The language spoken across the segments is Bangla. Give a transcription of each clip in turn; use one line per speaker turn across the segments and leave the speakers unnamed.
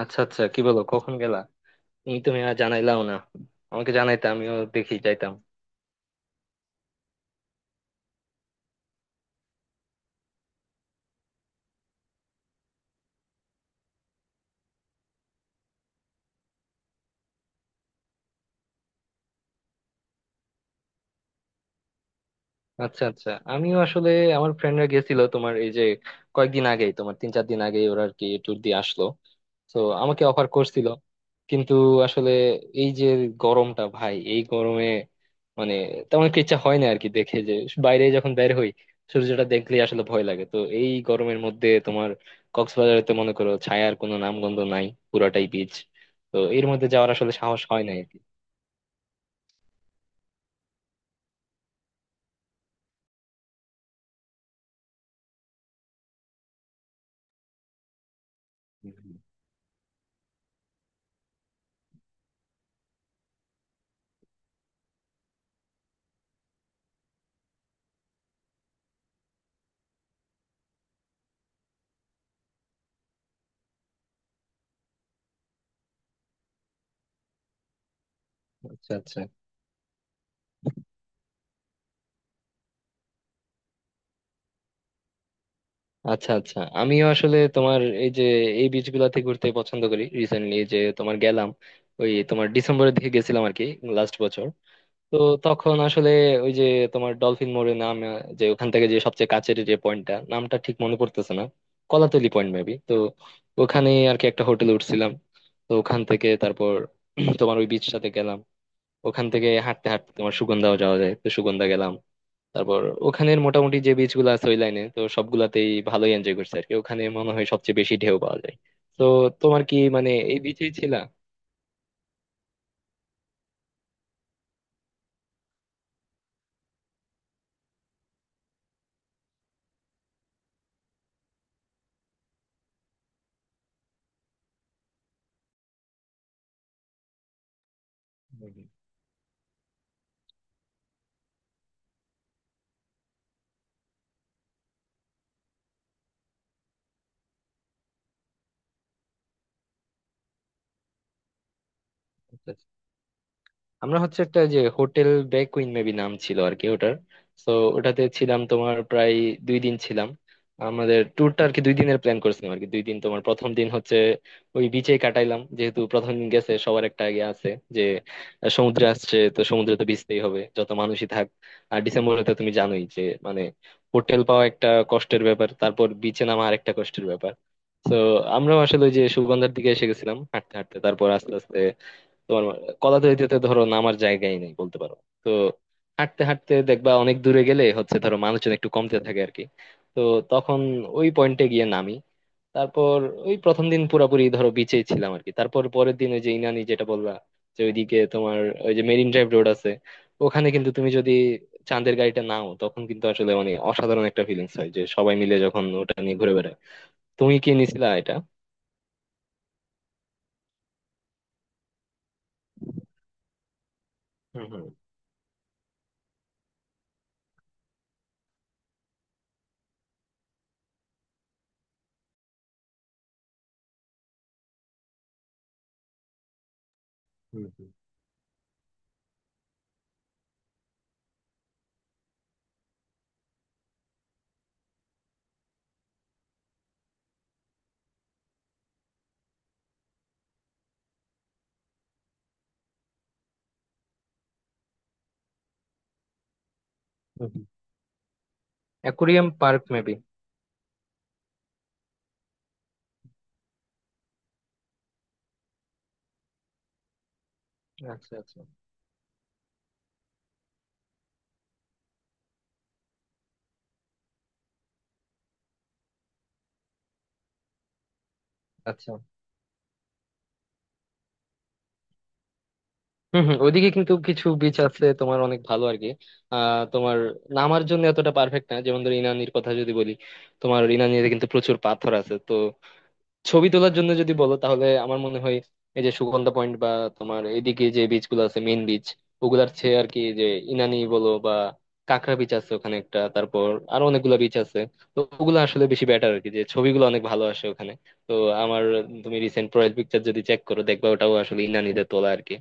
আচ্ছা, আচ্ছা, কি বলো কখন গেলা? তুমি তো মিয়া জানাইলাও না। আমাকে জানাইতে, আমিও দেখি যাইতাম। আচ্ছা, আচ্ছা, আমিও আসলে আমার ফ্রেন্ডরা গেছিল তোমার এই যে কয়েকদিন আগেই, তোমার 3-4 দিন আগেই ওরা আর কি ট্যুর দিয়ে আসলো। তো আমাকে অফার করছিল, কিন্তু আসলে এই যে গরমটা ভাই, এই গরমে মানে তেমন একটা ইচ্ছা হয় না আর কি দেখে যে বাইরে যখন বের হই সূর্যটা দেখলেই আসলে ভয় লাগে। তো এই গরমের মধ্যে তোমার কক্সবাজারে তো মনে করো ছায়ার কোনো নামগন্ধ নাই, পুরাটাই বিচ। তো এর মধ্যে যাওয়ার আসলে সাহস হয় না আর কি। হুম। আচ্ছা, আচ্ছা। আচ্ছা, আচ্ছা, আমিও আসলে তোমার এই যে এই বিচ গুলাতে ঘুরতে পছন্দ করি। রিসেন্টলি যে তোমার গেলাম, ওই তোমার ডিসেম্বরের দিকে গেছিলাম আর কি, লাস্ট বছর। তো তখন আসলে ওই যে তোমার ডলফিন মোড়ে নাম যে ওখান থেকে যে সবচেয়ে কাছের যে পয়েন্টটা, নামটা ঠিক মনে পড়তেছে না, কলাতলি পয়েন্ট মেবি। তো ওখানে আর কি একটা হোটেলে উঠছিলাম। তো ওখান থেকে তারপর তোমার ওই বিচটাতে গেলাম। ওখান থেকে হাঁটতে হাঁটতে তোমার সুগন্ধাও যাওয়া যায়, তো সুগন্ধা গেলাম। তারপর ওখানের মোটামুটি যে বিচ গুলো আছে ওই লাইনে তো সবগুলাতেই ভালোই এনজয় করছে আর কি। ওখানে মনে হয় সবচেয়ে বেশি ঢেউ পাওয়া যায়। তো তোমার কি মানে এই বিচেই ছিলা? হুম, হুম। আমরা হচ্ছে একটা যে হোটেল ডে কুইন মেবি নাম ছিল আর কি ওটার। তো ওটাতে ছিলাম তোমার প্রায় 2 দিন ছিলাম। আমাদের ট্যুরটা আর কি 2 দিনের প্ল্যান করছিলাম আর কি। 2 দিন তোমার প্রথম দিন হচ্ছে ওই বিচে কাটাইলাম, যেহেতু প্রথম দিন গেছে সবার একটা আগে আছে যে সমুদ্রে আসছে তো সমুদ্রে তো ভিজতেই হবে, যত মানুষই থাক। আর ডিসেম্বরে তো তুমি জানোই যে মানে হোটেল পাওয়া একটা কষ্টের ব্যাপার, তারপর বিচে নামা আর একটা কষ্টের ব্যাপার। তো আমরাও আসলে ওই যে সুগন্ধার দিকে এসে গেছিলাম হাঁটতে হাঁটতে। তোমার কলা তলিতে ধরো নামার জায়গাই নেই বলতে পারো। তো হাঁটতে হাঁটতে দেখবা অনেক দূরে গেলে হচ্ছে ধরো মানুষজন একটু কমতে থাকে আর কি। তো তখন ওই পয়েন্টে গিয়ে নামি। তারপর ওই প্রথম দিন পুরাপুরি ধরো বিচেই ছিলাম আর কি। তারপর পরের দিন ওই যে ইনানি যেটা বললা, যে ওইদিকে তোমার ওই যে মেরিন ড্রাইভ রোড আছে, ওখানে কিন্তু তুমি যদি চাঁদের গাড়িটা নাও তখন কিন্তু আসলে মানে অসাধারণ একটা ফিলিংস হয় যে সবাই মিলে যখন ওটা নিয়ে ঘুরে বেড়ায়। তুমি কি নিছিলা এটা? হুম হুম। হুম হুম। হুম হুম। Aquarium park maybe. আচ্ছা, আচ্ছা। আচ্ছা, হম হম, ওইদিকে কিন্তু কিছু বিচ আছে তোমার অনেক ভালো আর কি। আহ তোমার নামার জন্য এতটা পারফেক্ট না, যেমন ধরো ইনানির কথা যদি বলি, তোমার ইনানিতে কিন্তু প্রচুর পাথর আছে। তো ছবি তোলার জন্য যদি বলো তাহলে আমার মনে হয় এই যে সুগন্ধা পয়েন্ট বা তোমার এদিকে যে বিচ গুলো আছে মেইন বিচ, ওগুলার চেয়ে আর কি যে ইনানি বলো বা কাঁকড়া বিচ আছে ওখানে একটা, তারপর আরো অনেকগুলা বিচ আছে, তো ওগুলো আসলে বেশি বেটার আর কি, যে ছবিগুলো অনেক ভালো আসে ওখানে। তো আমার, তুমি রিসেন্ট প্রোফাইল পিকচার যদি চেক করো দেখবা ওটাও আসলে ইনানিতে তোলা আর কি।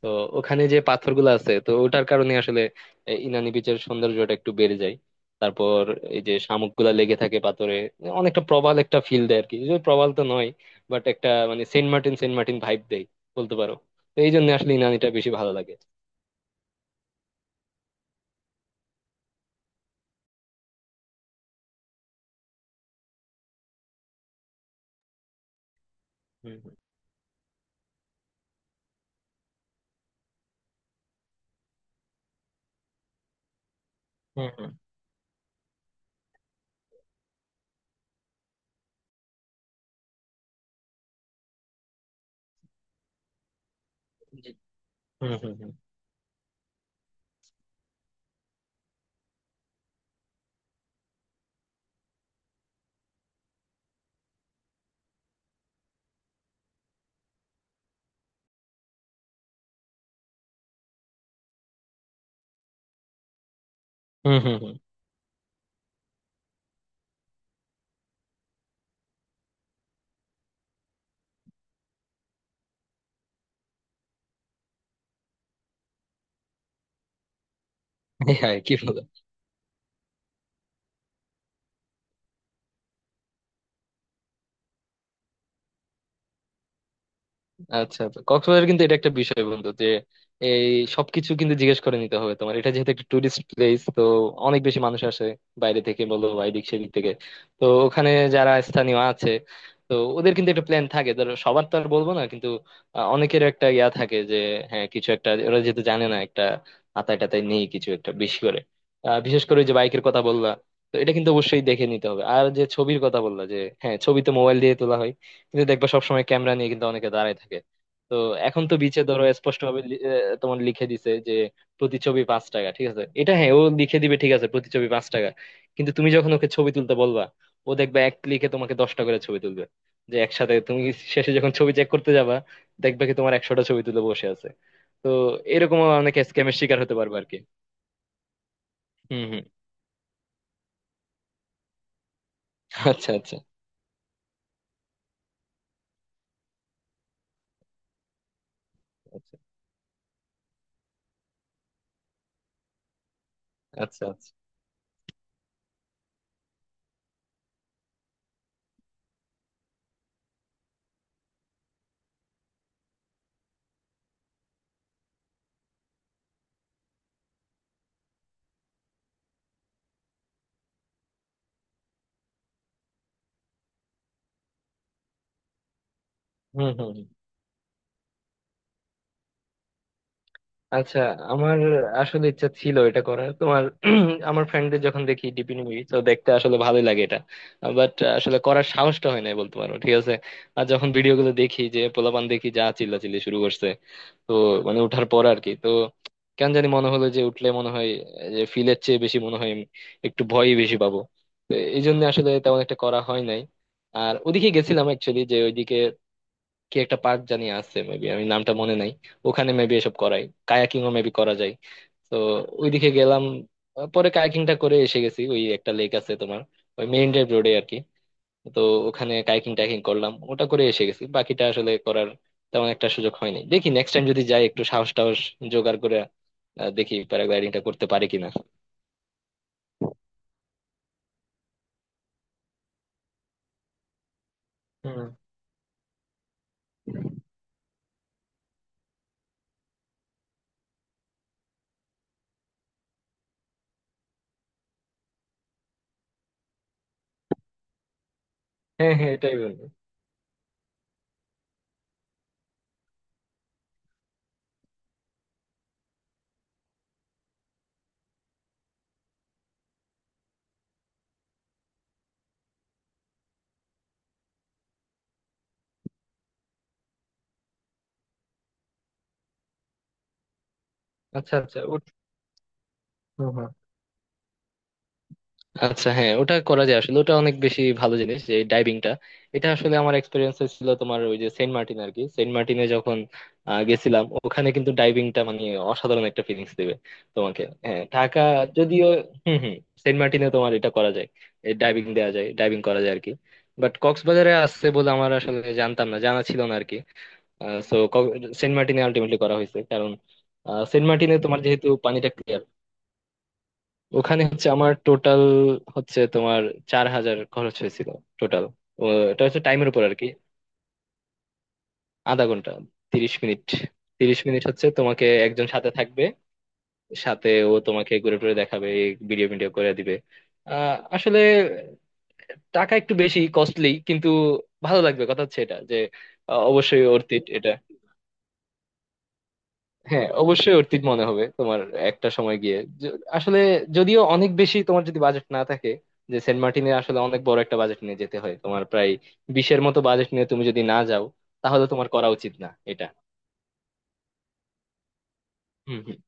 তো ওখানে যে পাথরগুলা আসে তো ওটার কারণে আসলে এই ইনানি পিচারের সন্ধারু যোটেক টু বেরে যায়। তারপর এই যে শামুকগুলা লেগে থাকে পাতোরে, অনেকটা প্রবাল একটা ফিল দেয় আর কি। যদি প্রবাল তো নই, বাট একটা মানে সেন্ট মার্টিন সেন্ট মার্টিন ভাইপ দেই বলতে পারো। তো এইজন্য আস আচ্ছা, কক্সবাজার কিন্তু এটা একটা বিষয় বন্ধু যে এই সবকিছু কিন্তু জিজ্ঞেস করে নিতে হবে। তোমার এটা যেহেতু একটা টুরিস্ট প্লেস, তো অনেক বেশি মানুষ আসে বাইরে থেকে বলো বা এদিক সেদিক থেকে। তো ওখানে যারা স্থানীয় আছে, তো ওদের কিন্তু একটা প্ল্যান থাকে ধরো, সবার তো আর বলবো না কিন্তু অনেকের একটা ইয়া থাকে যে হ্যাঁ কিছু একটা, ওরা যেহেতু জানে না একটা আতায় টাতায় নেই, কিছু একটা বেশি করে বিশেষ করে ওই যে বাইকের কথা বললা, তো এটা কিন্তু অবশ্যই দেখে নিতে হবে। আর যে ছবির কথা বললা যে হ্যাঁ ছবি তো মোবাইল দিয়ে তোলা হয়, কিন্তু দেখবা সবসময় ক্যামেরা নিয়ে কিন্তু অনেকে দাঁড়ায় থাকে। তো এখন তো বিচে ধরো স্পষ্ট ভাবে তোমার লিখে দিছে যে প্রতিছবি 5 টাকা, ঠিক আছে এটা, হ্যাঁ ও লিখে দিবে ঠিক আছে প্রতিছবি 5 টাকা, কিন্তু তুমি যখন ওকে ছবি তুলতে বলবা ও দেখবে এক ক্লিকে তোমাকে 10টা করে ছবি তুলবে, যে একসাথে তুমি শেষে যখন ছবি চেক করতে যাবা দেখবে কি তোমার 100টা ছবি তুলে বসে আছে। তো এরকম অনেকে স্ক্যামের শিকার হতে পারবে আর কি। হম হম। আচ্ছা, আচ্ছা। আচ্ছা, আচ্ছা। আচ্ছা, হম হম। আচ্ছা। আমার আসলে ইচ্ছা ছিল এটা করার তোমার আমার ফ্রেন্ডদের যখন দেখি ডিপি মুভি তো দেখতে আসলে ভালোই লাগে এটা। বাট আসলে করার সাহসটা হয় না বলতে পারো, ঠিক আছে। আর যখন ভিডিও গুলো দেখি যে পোলাপান দেখি যা চিল্লাচিল্লি শুরু করছে, তো মানে ওঠার পর আর কি। তো কেন জানি মনে হলো যে উঠলে মনে হয় যে ফিলের চেয়ে বেশি মনে হয় একটু ভয়ই বেশি পাবো। তো এই জন্য আসলে তেমন একটা করা হয় নাই। আর ওদিকে গেছিলাম অ্যাকচুয়ালি যে ওইদিকে কি একটা পার্ক জানি আছে মেবি, আমি নামটা মনে নাই, ওখানে মেবি এসব করাই। কায়াকিং ও মেবি করা যায়। তো ওইদিকে গেলাম। পরে কায়াকিংটা করে এসে গেছি, ওই একটা লেক আছে তোমার ওই মেইন ড্রাইভ রোডে আর কি। তো ওখানে কায়াকিং টাইকিং করলাম, ওটা করে এসে গেছি। বাকিটা আসলে করার তেমন একটা সুযোগ হয়নি, দেখি নেক্সট টাইম যদি যাই একটু সাহস টাহস জোগাড় করে দেখি প্যারাগ্লাইডিংটা করতে পারি কিনা। হুম। হ্যাঁ, হ্যাঁ, এটাই বলবো। আচ্ছা, আচ্ছা, হুম হুম। আচ্ছা, হ্যাঁ ওটা করা যায়। আসলে ওটা অনেক বেশি ভালো জিনিস, যে ডাইভিংটা এটা আসলে আমার এক্সপিরিয়েন্স ছিল তোমার ওই যে সেন্ট মার্টিন আর কি। সেন্ট মার্টিনে যখন গেছিলাম ওখানে কিন্তু ডাইভিংটা মানে অসাধারণ একটা ফিলিংস দিবে তোমাকে। হ্যাঁ, ঢাকা যদিও। হুম হুম। সেন্ট মার্টিনে তোমার এটা করা যায়, ডাইভিং দেওয়া যায়, ডাইভিং করা যায় আর কি। বাট কক্সবাজারে আসছে বলে আমার আসলে জানতাম না, জানা ছিল না আর কি। সো সেন্ট মার্টিনে আলটিমেটলি করা হয়েছে কারণ সেন্ট মার্টিনে তোমার যেহেতু পানিটা clear, ওখানে হচ্ছে আমার টোটাল হচ্ছে তোমার 4,000 খরচ হয়েছিল টোটাল। এটা হচ্ছে টাইমের উপর আর কি। আধা ঘন্টা, 30 মিনিট। 30 মিনিট হচ্ছে তোমাকে একজন সাথে থাকবে, সাথে ও তোমাকে ঘুরে টুরে দেখাবে, ভিডিও ভিডিও করে দিবে। আহ, আসলে টাকা একটু বেশি কস্টলি কিন্তু ভালো লাগবে, কথা হচ্ছে এটা যে অবশ্যই অর্থিত এটা। হ্যাঁ, অবশ্যই অর্থিত মনে হবে তোমার একটা সময় গিয়ে। য- আসলে যদিও অনেক বেশি, তোমার যদি বাজেট না থাকে, যে সেন্ট মার্টিনে আসলে অনেক বড় একটা বাজেট নিয়ে যেতে হয়, তোমার প্রায় 20-এর মতো বাজেট নিয়ে তুমি যদি না যাও তাহলে তোমার করা উচিত না এটা। হুম হুম।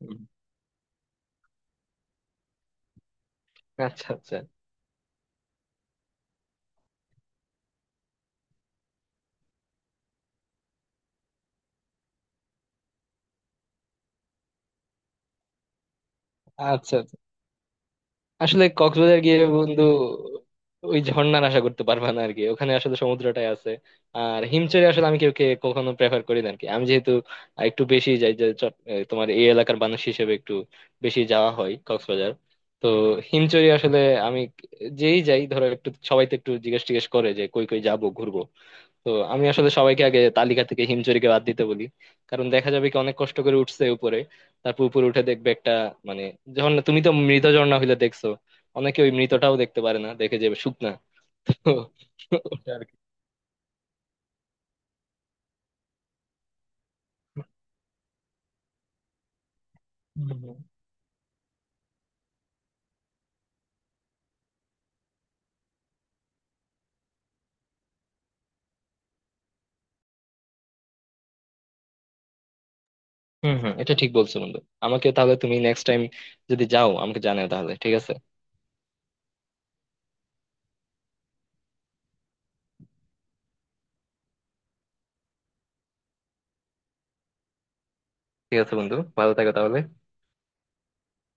হুম। আচ্ছা, আচ্ছা। আচ্ছা, আচ্ছা। আসলে কক্সবাজার গিয়ে বন্ধু ওই ঝর্ণার আশা করতে পারবা না আরকি, ওখানে আসলে সমুদ্রটাই আছে। আর হিমচরে আসলে আমি কেউ কে কখনো প্রেফার করি না আরকি। আমি যেহেতু একটু বেশি যাই যে এ, তোমার এই এলাকার মানুষ হিসেবে একটু বেশি যাওয়া হয় কক্সবাজার। তো হিমচরে আসলে আমি যেই যাই ধরো, একটু সবাই তো একটু জিজ্ঞেস টিজ্ঞেস করে যে কই কই যাবো ঘুরবো, তো আমি আসলে সবাইকে আগে তালিকা থেকে হিমচুরিকে বাদ দিতে বলি। কারণ দেখা যাবে কি অনেক কষ্ট করে উঠছে উপরে, তারপর উপরে উঠে দেখবে একটা মানে, যখন তুমি তো মৃত ঝর্ণা হইলে দেখছো, অনেকে ওই মৃতটাও দেখতে পারে না, দেখে যাবে শুকনা। তো ওটা আর কি। হুম হুম। হুম, হুম, এটা ঠিক বলছো বন্ধু। আমাকে তাহলে তুমি নেক্সট টাইম যদি যাও আমাকে জানাও, তাহলে ঠিক আছে। ঠিক আছে বন্ধু, ভালো থাকো তাহলে।